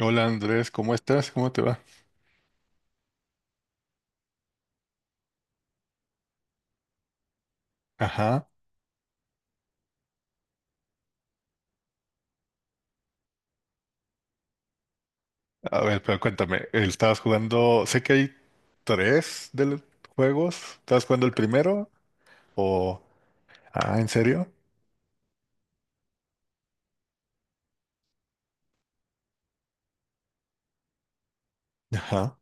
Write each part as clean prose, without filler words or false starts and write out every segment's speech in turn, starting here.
Hola Andrés, ¿cómo estás? ¿Cómo te va? Ajá. A ver, pero cuéntame, ¿estabas jugando? Sé que hay tres de los juegos. ¿Estabas jugando el primero? ¿O... ah, ¿en serio? Ajá.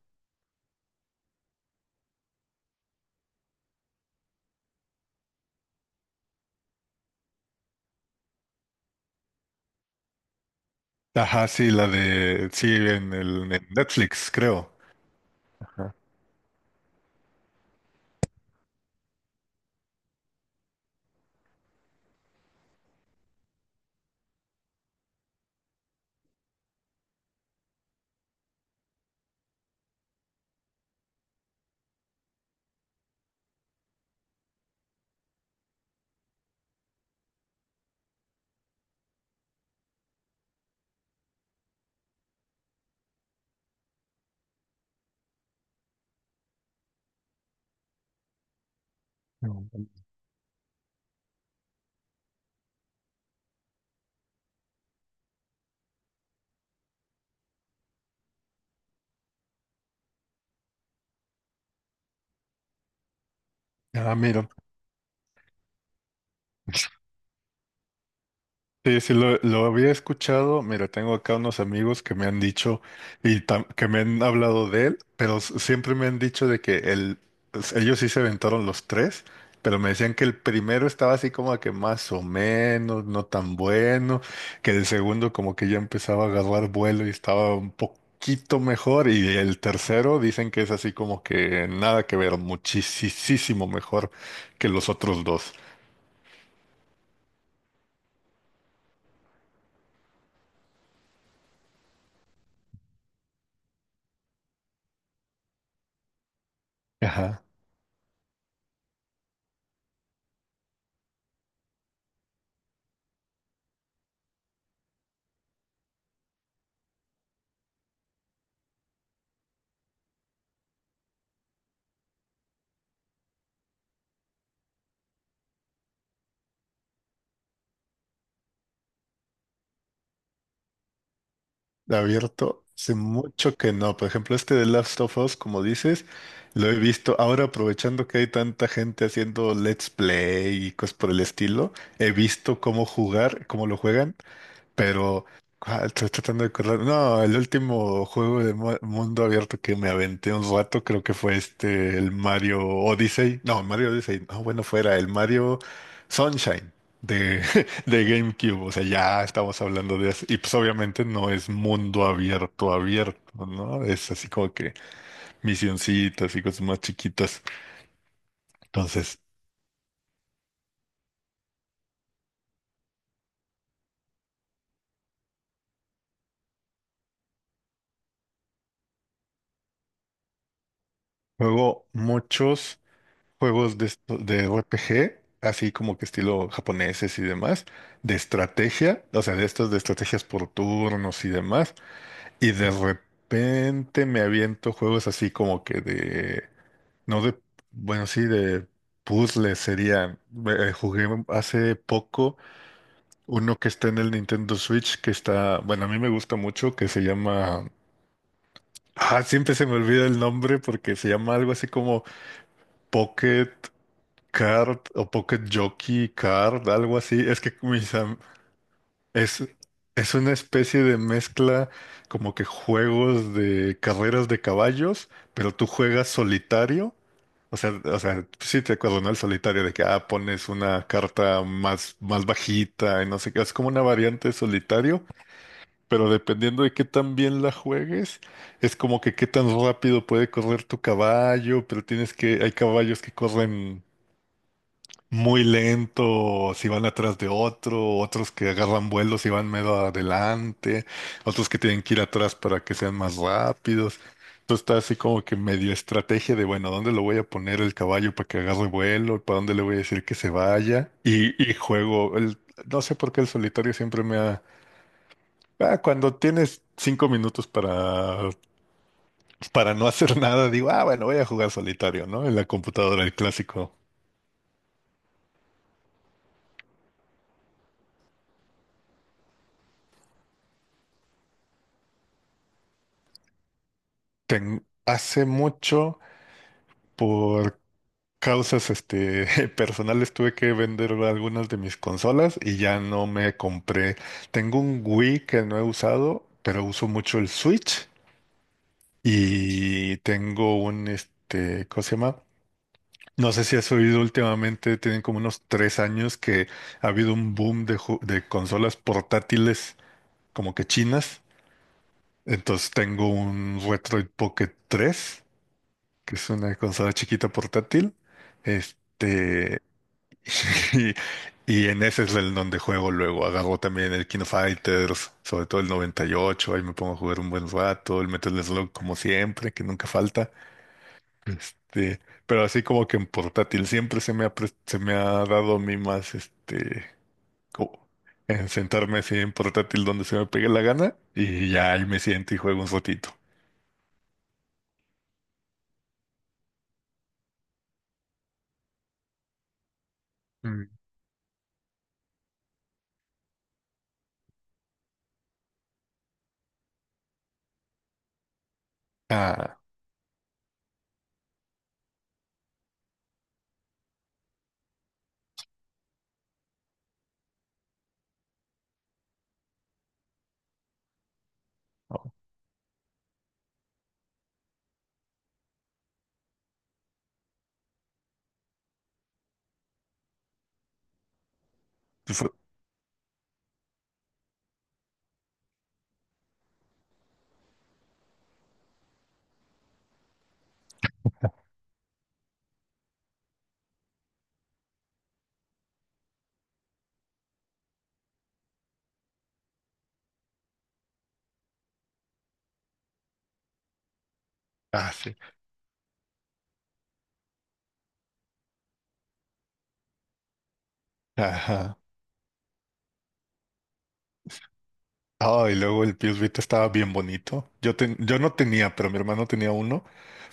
Ajá, sí, la de... sí, en el en Netflix, creo. Ajá. Ah, mira. Sí, sí, lo había escuchado. Mira, tengo acá unos amigos que me han dicho y que me han hablado de él, pero siempre me han dicho de que ellos sí se aventaron los tres, pero me decían que el primero estaba así como que más o menos, no tan bueno, que el segundo como que ya empezaba a agarrar vuelo y estaba un poquito mejor, y el tercero dicen que es así como que nada que ver, muchísimo mejor que los otros dos. Ajá. Abierto, hace mucho que no. Por ejemplo, este de Last of Us, como dices, lo he visto. Ahora, aprovechando que hay tanta gente haciendo Let's Play y cosas por el estilo, he visto cómo jugar, cómo lo juegan. Pero estoy tratando de acordar. No, el último juego de mundo abierto que me aventé un rato, creo que fue este, el Mario Odyssey. No, Mario Odyssey, no, bueno, fuera el Mario Sunshine de, de GameCube. O sea, ya estamos hablando de eso. Y pues obviamente no es mundo abierto, abierto, ¿no? Es así como que misioncitas y cosas más chiquitas. Entonces, juego muchos. Juegos de, de RPG, así como que estilo japoneses y demás, de estrategia, o sea, de estos de estrategias por turnos y demás, y de repente me aviento juegos así como que de, no de, bueno, sí, de puzzles serían. Jugué hace poco uno que está en el Nintendo Switch, que está, bueno, a mí me gusta mucho, que se llama... Ah, siempre se me olvida el nombre porque se llama algo así como Pocket. Kart o Pocket Jockey, Kart, algo así. Es que es, es una especie de mezcla como que juegos de carreras de caballos, pero tú juegas solitario. O sea, sí te acuerdo, ¿no? El solitario de que ah, pones una carta más, más bajita y no sé qué. Es como una variante de solitario, pero dependiendo de qué tan bien la juegues, es como que qué tan rápido puede correr tu caballo, pero tienes que, hay caballos que corren muy lento, si van atrás de otro, otros que agarran vuelos y van medio adelante, otros que tienen que ir atrás para que sean más rápidos. Entonces está así como que medio estrategia de, bueno, ¿dónde lo voy a poner el caballo para que agarre vuelo? ¿Para dónde le voy a decir que se vaya? Y, juego, el, no sé por qué el solitario siempre me ha... Ah, cuando tienes cinco minutos para no hacer nada, digo, ah, bueno, voy a jugar solitario, ¿no? En la computadora, el clásico. Hace mucho causas este, personales tuve que vender algunas de mis consolas y ya no me compré. Tengo un Wii que no he usado, pero uso mucho el Switch y tengo un, este, ¿cómo se llama? No sé si has oído últimamente, tienen como unos 3 años que ha habido un boom de, de consolas portátiles como que chinas. Entonces tengo un Retroid Pocket 3, que es una consola chiquita portátil. Este, Y, y en ese es el donde juego luego. Agarro también el King of Fighters, sobre todo el 98. Ahí me pongo a jugar un buen rato. El Metal Slug, como siempre, que nunca falta. Este, pero así como que en portátil siempre se me ha, se me ha dado a mí más este, como en sentarme así en portátil donde se me pegue la gana. Y ya ahí me siento y juego un ratito. Mm. Ah, no, pues, ah, sí. Ajá. Ah, y luego el PS Vita estaba bien bonito. Yo, yo no tenía, pero mi hermano tenía uno.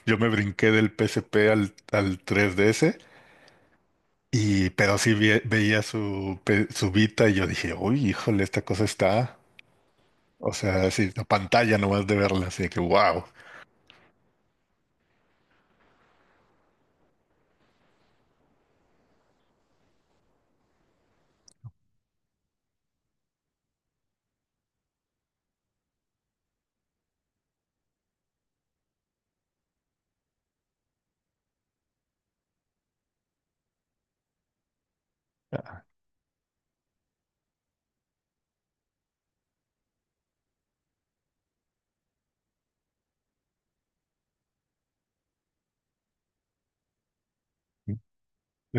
Yo me brinqué del PSP al 3DS, y, pero sí veía su, su Vita y yo dije, uy, híjole, esta cosa está. O sea, así, la pantalla nomás de verla, así de que wow.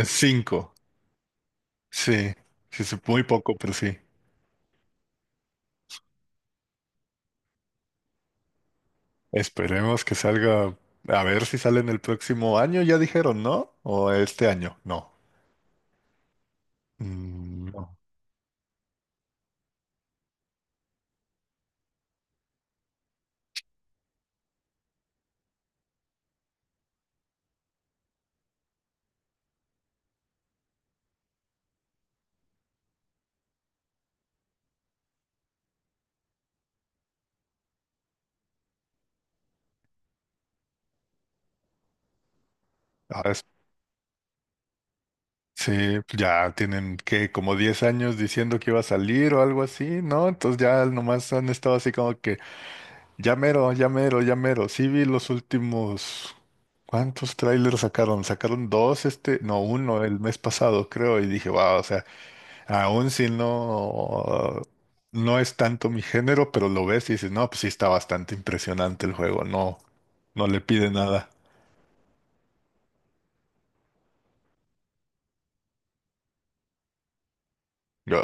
Es 5, sí, sí, sí, muy poco, pero sí. Esperemos que salga. A ver si sale en el próximo año, ya dijeron, ¿no? O este año, no. Mm, no. Sí, pues, ya tienen que como 10 años diciendo que iba a salir o algo así, ¿no? Entonces ya nomás han estado así como que ya mero, ya mero, ya mero. Sí vi los últimos, ¿cuántos trailers sacaron? Sacaron dos este, no, uno el mes pasado, creo, y dije, wow, o sea, aún si no, no es tanto mi género, pero lo ves y dices, no, pues sí está bastante impresionante el juego, no, no le pide nada. Yo,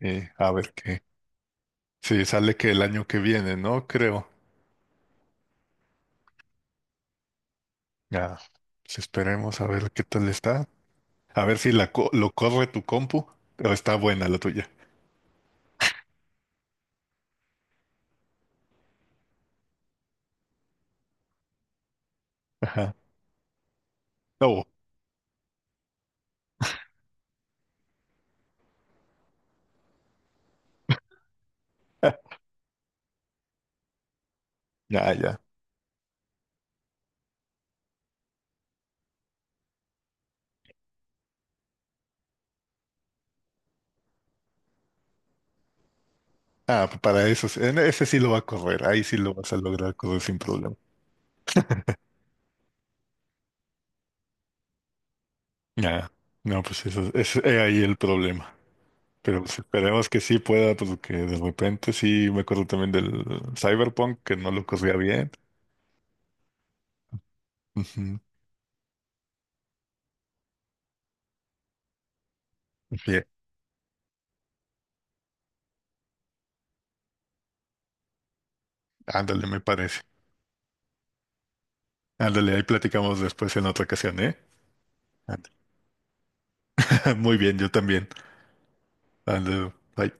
sí, a ver qué. Sí, sale que el año que viene, ¿no? Creo. Ya, pues esperemos a ver qué tal está. A ver si la lo corre tu compu o está buena la tuya. Ajá. No, ya, ya. Ah, pues para eso, sí, en ese sí lo va a correr. Ahí sí lo vas a lograr correr sin problema. Ya. No, pues eso es ahí el problema. Pero pues esperemos que sí pueda, porque de repente sí me acuerdo también del Cyberpunk que no lo corría bien. Ujú. Bien, ándale, me parece. Ándale, ahí platicamos después en otra ocasión, ¿eh? Ándale. Muy bien, yo también. Ándale, bye.